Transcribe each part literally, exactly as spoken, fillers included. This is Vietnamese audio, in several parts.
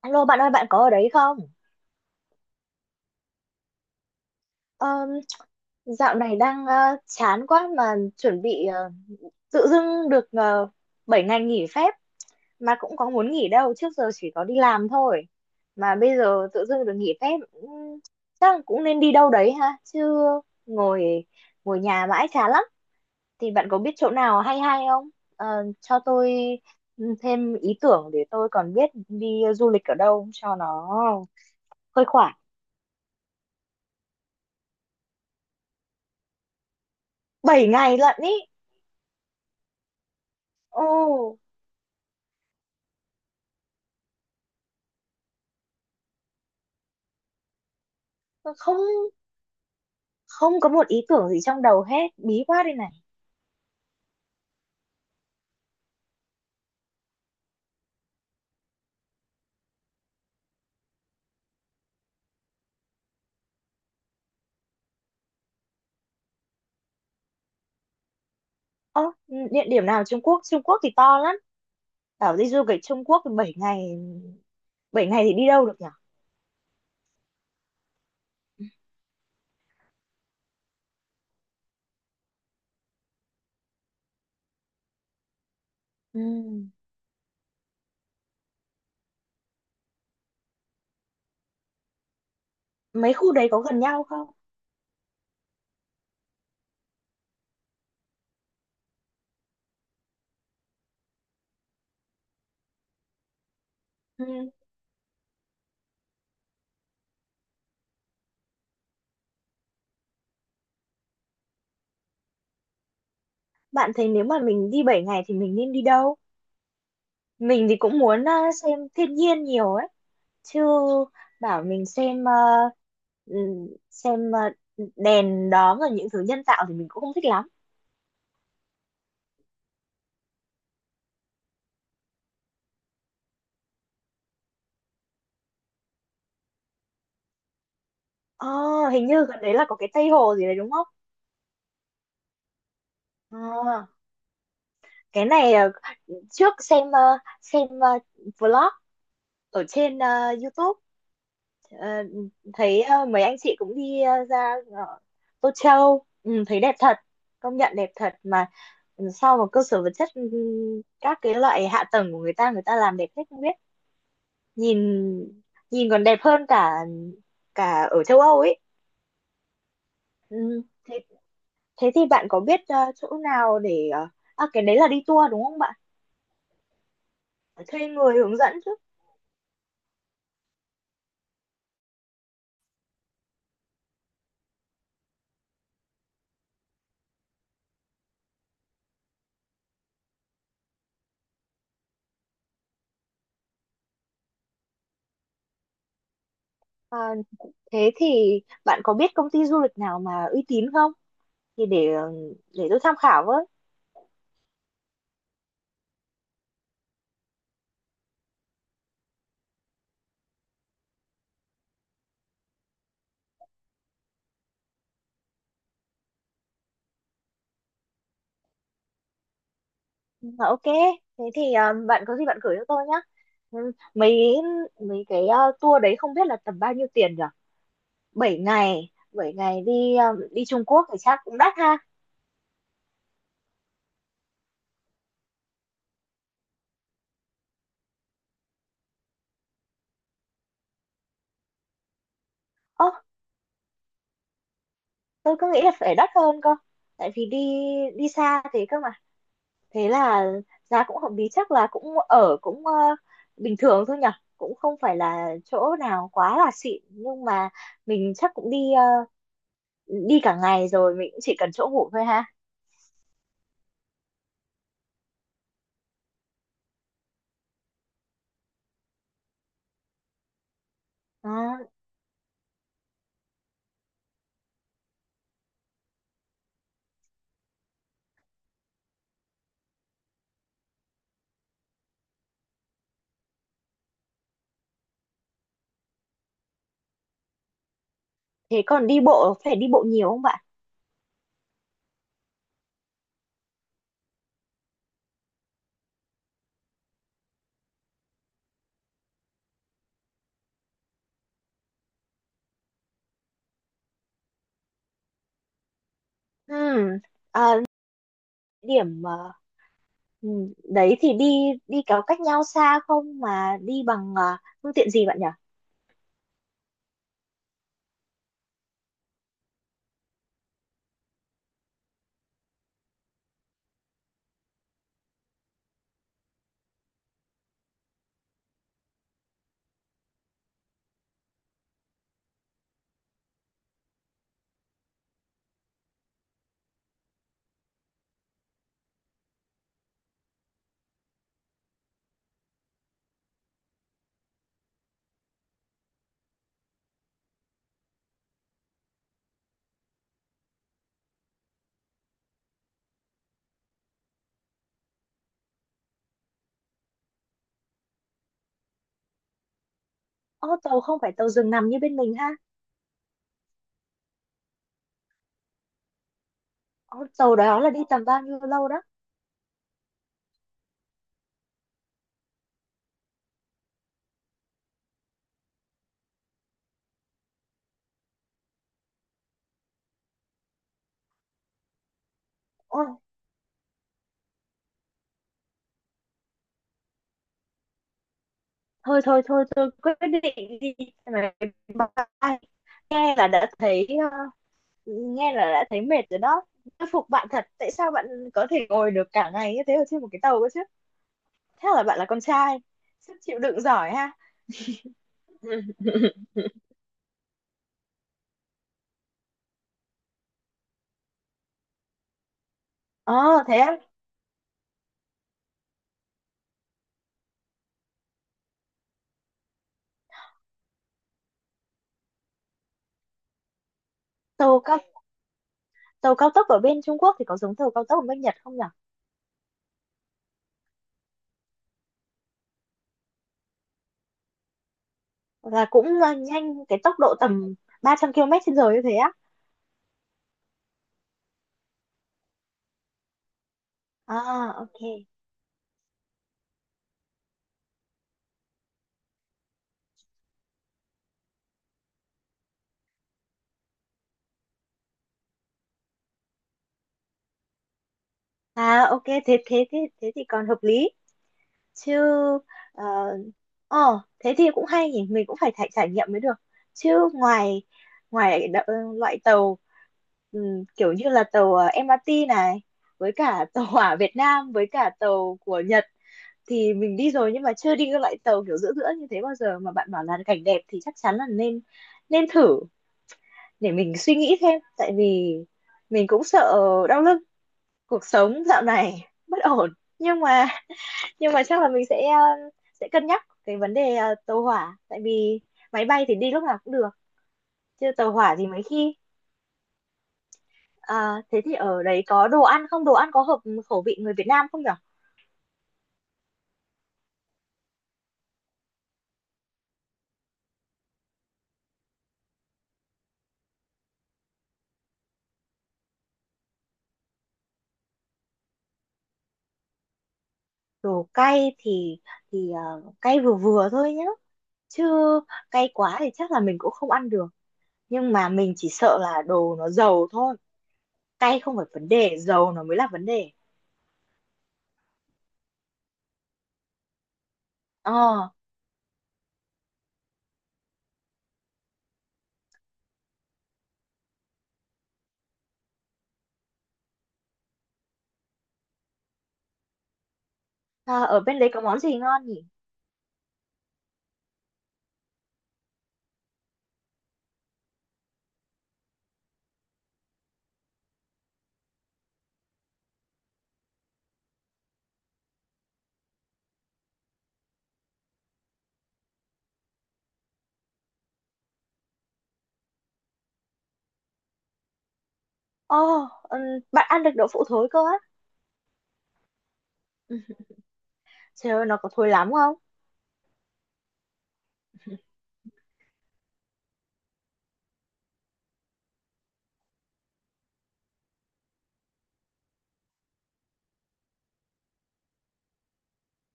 Alo bạn ơi, bạn có ở đấy không? Ờm, dạo này đang ờ, chán quá mà chuẩn bị ờ, tự dưng được uh, bảy ngày nghỉ phép, mà cũng có muốn nghỉ đâu, trước giờ chỉ có đi làm thôi, mà bây giờ tự dưng được nghỉ phép. Ừm, chắc là cũng nên đi đâu đấy ha, chứ ngồi ngồi nhà mãi chán lắm. Thì bạn có biết chỗ nào hay hay không? Ờ, cho tôi thêm ý tưởng để tôi còn biết đi du lịch ở đâu cho nó khuây khỏa. Bảy ngày lận ý. Ồ, không, không có một ý tưởng gì trong đầu hết, bí quá đây này. Ơ, địa điểm nào? Trung Quốc Trung Quốc thì to lắm, bảo đi du lịch Trung Quốc thì bảy ngày, bảy ngày thì đi đâu được nhỉ? Ừ. Mấy khu đấy có gần nhau không? Ừ. Bạn thấy nếu mà mình đi bảy ngày thì mình nên đi đâu? Mình thì cũng muốn ờ, xem thiên nhiên nhiều ấy, chứ bảo mình xem ờ, ừ, xem ờ, đèn đóm rồi những thứ nhân tạo thì mình cũng không thích lắm. Ờ, hình như gần đấy là có cái Tây Hồ gì đấy đúng không? Ờ, cái này ờ, trước xem ờ, xem ờ, vlog ở trên ờ, YouTube, ờ, thấy ờ, mấy anh chị cũng đi ờ, ra ờ, Tô Châu, ừ, thấy đẹp thật, công nhận đẹp thật mà. Ừ, sau một cơ sở vật chất, ừ, các cái loại hạ tầng của người ta, người ta làm đẹp hết không biết, nhìn nhìn còn đẹp hơn cả cả ở châu Âu ấy. Ừ, thế thế thì bạn có biết ờ, chỗ nào để ờ, à, cái đấy là đi tour đúng không bạn? Phải thuê người hướng dẫn chứ. Ờ, Thế thì bạn có biết công ty du lịch nào mà uy tín không? Thì để ờ, để tôi tham khảo với. Mà ok, thế thì ờ, bạn có gì bạn gửi cho tôi nhá. Ừ, Mấy mấy cái ờ, tour đấy không biết là tầm bao nhiêu tiền nhở? Bảy ngày, bảy ngày đi ờ, đi Trung Quốc thì chắc cũng đắt ha. Ồ, tôi cứ nghĩ là phải đắt hơn cơ. Tại vì đi đi xa thế cơ mà. Thế là giá cũng hợp lý, chắc là cũng ở cũng ờ, bình thường thôi nhỉ, cũng không phải là chỗ nào quá là xịn, nhưng mà mình chắc cũng đi ờ, đi cả ngày rồi mình cũng chỉ cần chỗ ngủ thôi ha. Đó. Thế còn đi bộ, phải đi bộ nhiều không bạn? Ừm, điểm ờ, ừm, đấy thì đi đi có cách nhau xa không, mà đi bằng ờ, phương tiện gì bạn nhỉ? Ô, tàu không phải tàu giường nằm như bên mình ha? Ô, tàu đó là đi tầm bao nhiêu lâu đó? Thôi thôi thôi, tôi quyết định đi máy bay, nghe là đã thấy ờ, nghe là đã thấy mệt rồi đó. Tôi phục bạn thật, tại sao bạn có thể ngồi được cả ngày như thế ở trên một cái tàu cơ chứ? Thế là bạn là con trai, sức chịu đựng giỏi ha. Ừ. Ờ, thế á? tàu cao Tàu cao tốc ở bên Trung Quốc thì có giống tàu cao tốc ở bên Nhật không nhỉ? Là cũng ờ, nhanh, cái tốc độ tầm ba trăm ki lô mét trên giờ trên giờ như thế á? À, ok. À, ok, thế thế thế thế thì còn hợp lý chứ. Ờ, ờ, thế thì cũng hay nhỉ, mình cũng phải trải trải nghiệm mới được chứ. Ngoài ngoài đ- loại tàu, ừm, kiểu như là tàu ờ, em e rờ tê này, với cả tàu hỏa Việt Nam với cả tàu của Nhật thì mình đi rồi, nhưng mà chưa đi cái loại tàu kiểu giữa giữa như thế bao giờ, mà bạn bảo là cảnh đẹp thì chắc chắn là nên nên thử. Để mình suy nghĩ thêm, tại vì mình cũng sợ đau lưng, cuộc sống dạo này bất ổn. Nhưng mà nhưng mà chắc là mình sẽ ờ, sẽ cân nhắc cái vấn đề ờ, tàu hỏa, tại vì máy bay thì đi lúc nào cũng được chứ tàu hỏa thì mấy khi. Ờ, thế thì ở đấy có đồ ăn không, đồ ăn có hợp khẩu vị người Việt Nam không nhở? Đồ cay thì thì ờ, cay vừa vừa thôi nhá, chứ cay quá thì chắc là mình cũng không ăn được, nhưng mà mình chỉ sợ là đồ nó dầu thôi. Cay không phải vấn đề, dầu nó mới là vấn đề. Ờ, à, ở bên đấy có món gì ngon nhỉ? Ồ, ừm, bạn ăn được đậu phụ thối cơ á? Ừ. Trời ơi, nó có thối lắm không?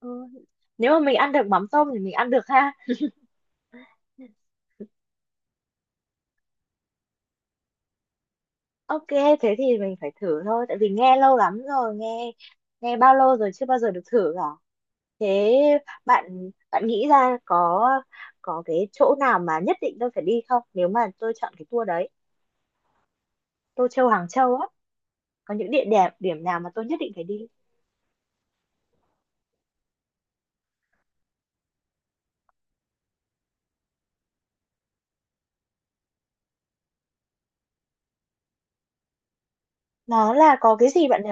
Ừ. Nếu mà mình ăn được mắm tôm thì mình ăn được ha. Ok, thế thì mình phải thử thôi, tại vì nghe lâu lắm rồi, nghe nghe bao lâu rồi chưa bao giờ được thử cả. Thế bạn bạn nghĩ ra có có cái chỗ nào mà nhất định tôi phải đi không? Nếu mà tôi chọn cái tour đấy, Tô Châu Hàng Châu á, có những địa điểm điểm nào mà tôi nhất định phải đi? Nó là có cái gì bạn nhỉ?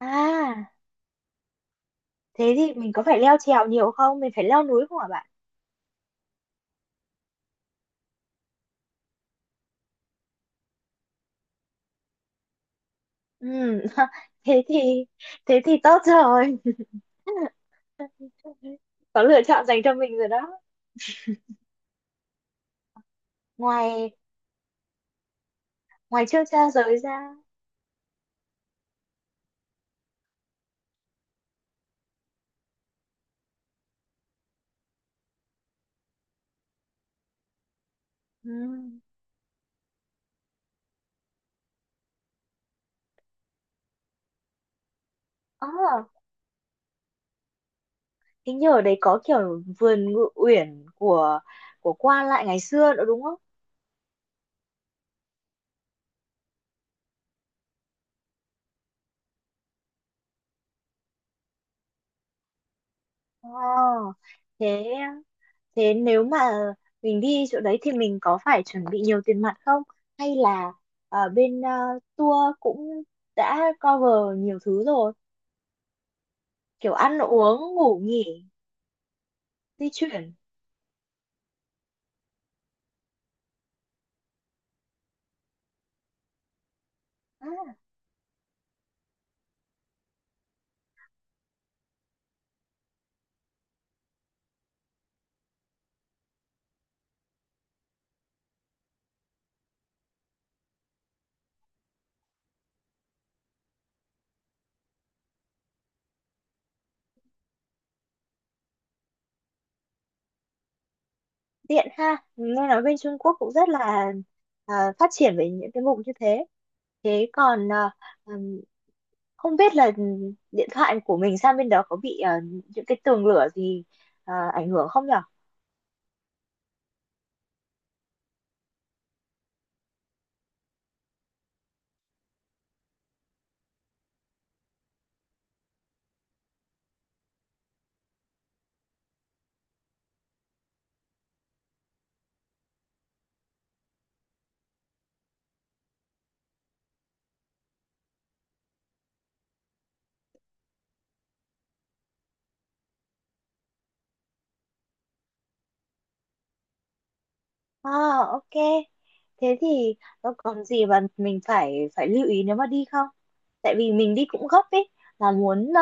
À, thế thì mình có phải leo trèo nhiều không? Mình phải leo núi không hả bạn? Ừ, thế thì thế thì tốt rồi. Có lựa chọn dành cho mình rồi đó. Ngoài ngoài trước cha giới ra. Ừ. À, hình như ở đấy có kiểu vườn ngự uyển của của qua lại ngày xưa nữa đúng không? Ờ, thế thế nếu mà mình đi chỗ đấy thì mình có phải chuẩn bị nhiều tiền mặt không, hay là ở bên ờ, tour cũng đã cover nhiều thứ rồi, kiểu ăn uống ngủ nghỉ di chuyển? Tiện ha, nghe nói bên Trung Quốc cũng rất là à, phát triển về những cái mục như thế. Thế còn à, ừm, không biết là điện thoại của mình sang bên đó có bị à, những cái tường lửa gì à, ảnh hưởng không nhỉ? À, ok. Thế thì nó còn gì mà mình phải phải lưu ý nếu mà đi không? Tại vì mình đi cũng gấp ấy, là muốn ờ,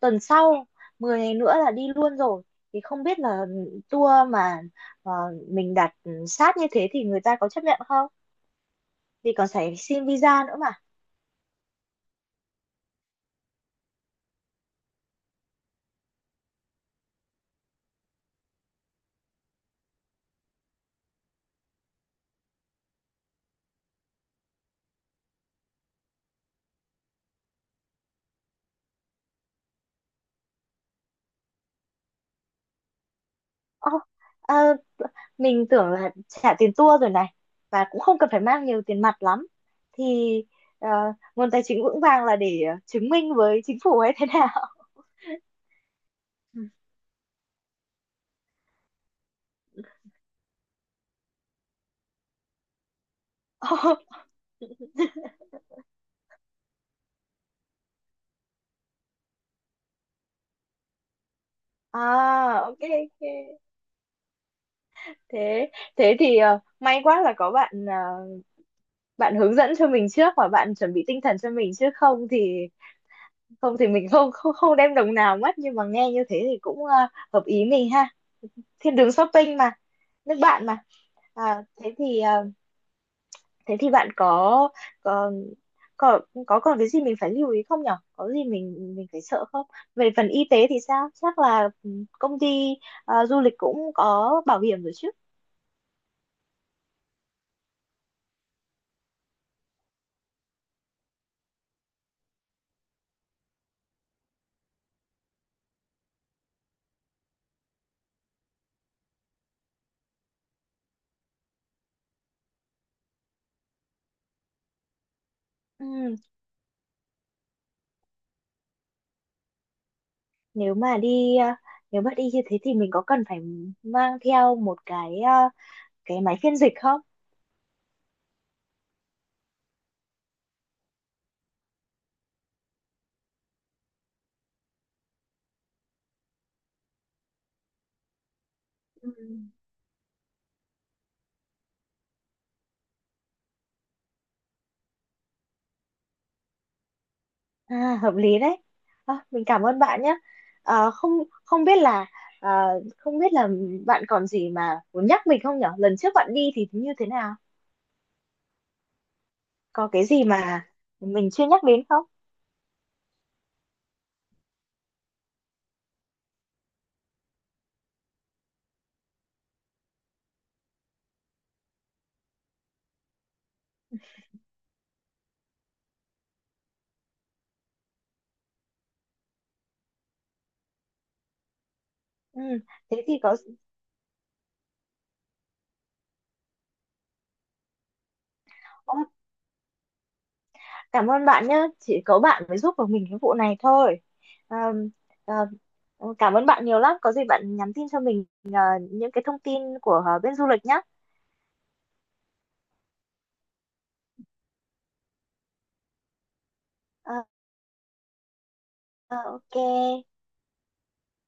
tuần sau mười ngày nữa là đi luôn rồi. Thì không biết là tour mà ờ, mình đặt sát như thế thì người ta có chấp nhận không? Vì còn phải xin visa nữa mà. Ồ, ờ, mình tưởng là trả tiền tour rồi này, và cũng không cần phải mang nhiều tiền mặt lắm. Thì ờ, nguồn tài chính vững vàng là để ờ, chứng minh với chính phủ hay thế nào? Ồ, à, ok ok. Thế thế thì ờ, may quá là có bạn, ờ, bạn hướng dẫn cho mình trước và bạn chuẩn bị tinh thần cho mình, chứ không thì không thì mình không không không đem đồng nào mất, nhưng mà nghe như thế thì cũng ờ, hợp ý mình ha. Thiên đường shopping mà, nước bạn mà. À, thế thì ờ, thế thì bạn có có có có còn cái gì mình phải lưu ý không nhở? Có gì mình mình phải sợ không? Về phần y tế thì sao? Chắc là ừ, công ty ờ, du lịch cũng có bảo hiểm rồi chứ? Ừ, nếu mà đi à, nếu mà đi như thế thì mình có cần phải mang theo một cái à, cái máy phiên dịch không? Ừ. À, hợp lý đấy. À, mình cảm ơn bạn nhé. À, không không biết là à, không biết là bạn còn gì mà muốn nhắc mình không nhở? Lần trước bạn đi thì như thế nào? Có cái gì mà mình chưa nhắc đến không? Ừ, thế thì có. Ô, cảm ơn bạn nhé. Chỉ có bạn mới giúp được mình cái vụ này thôi. À, à, cảm ơn bạn nhiều lắm. Có gì bạn nhắn tin cho mình những cái thông tin của ờ, bên du lịch nhé. Ờ, ờ, ok.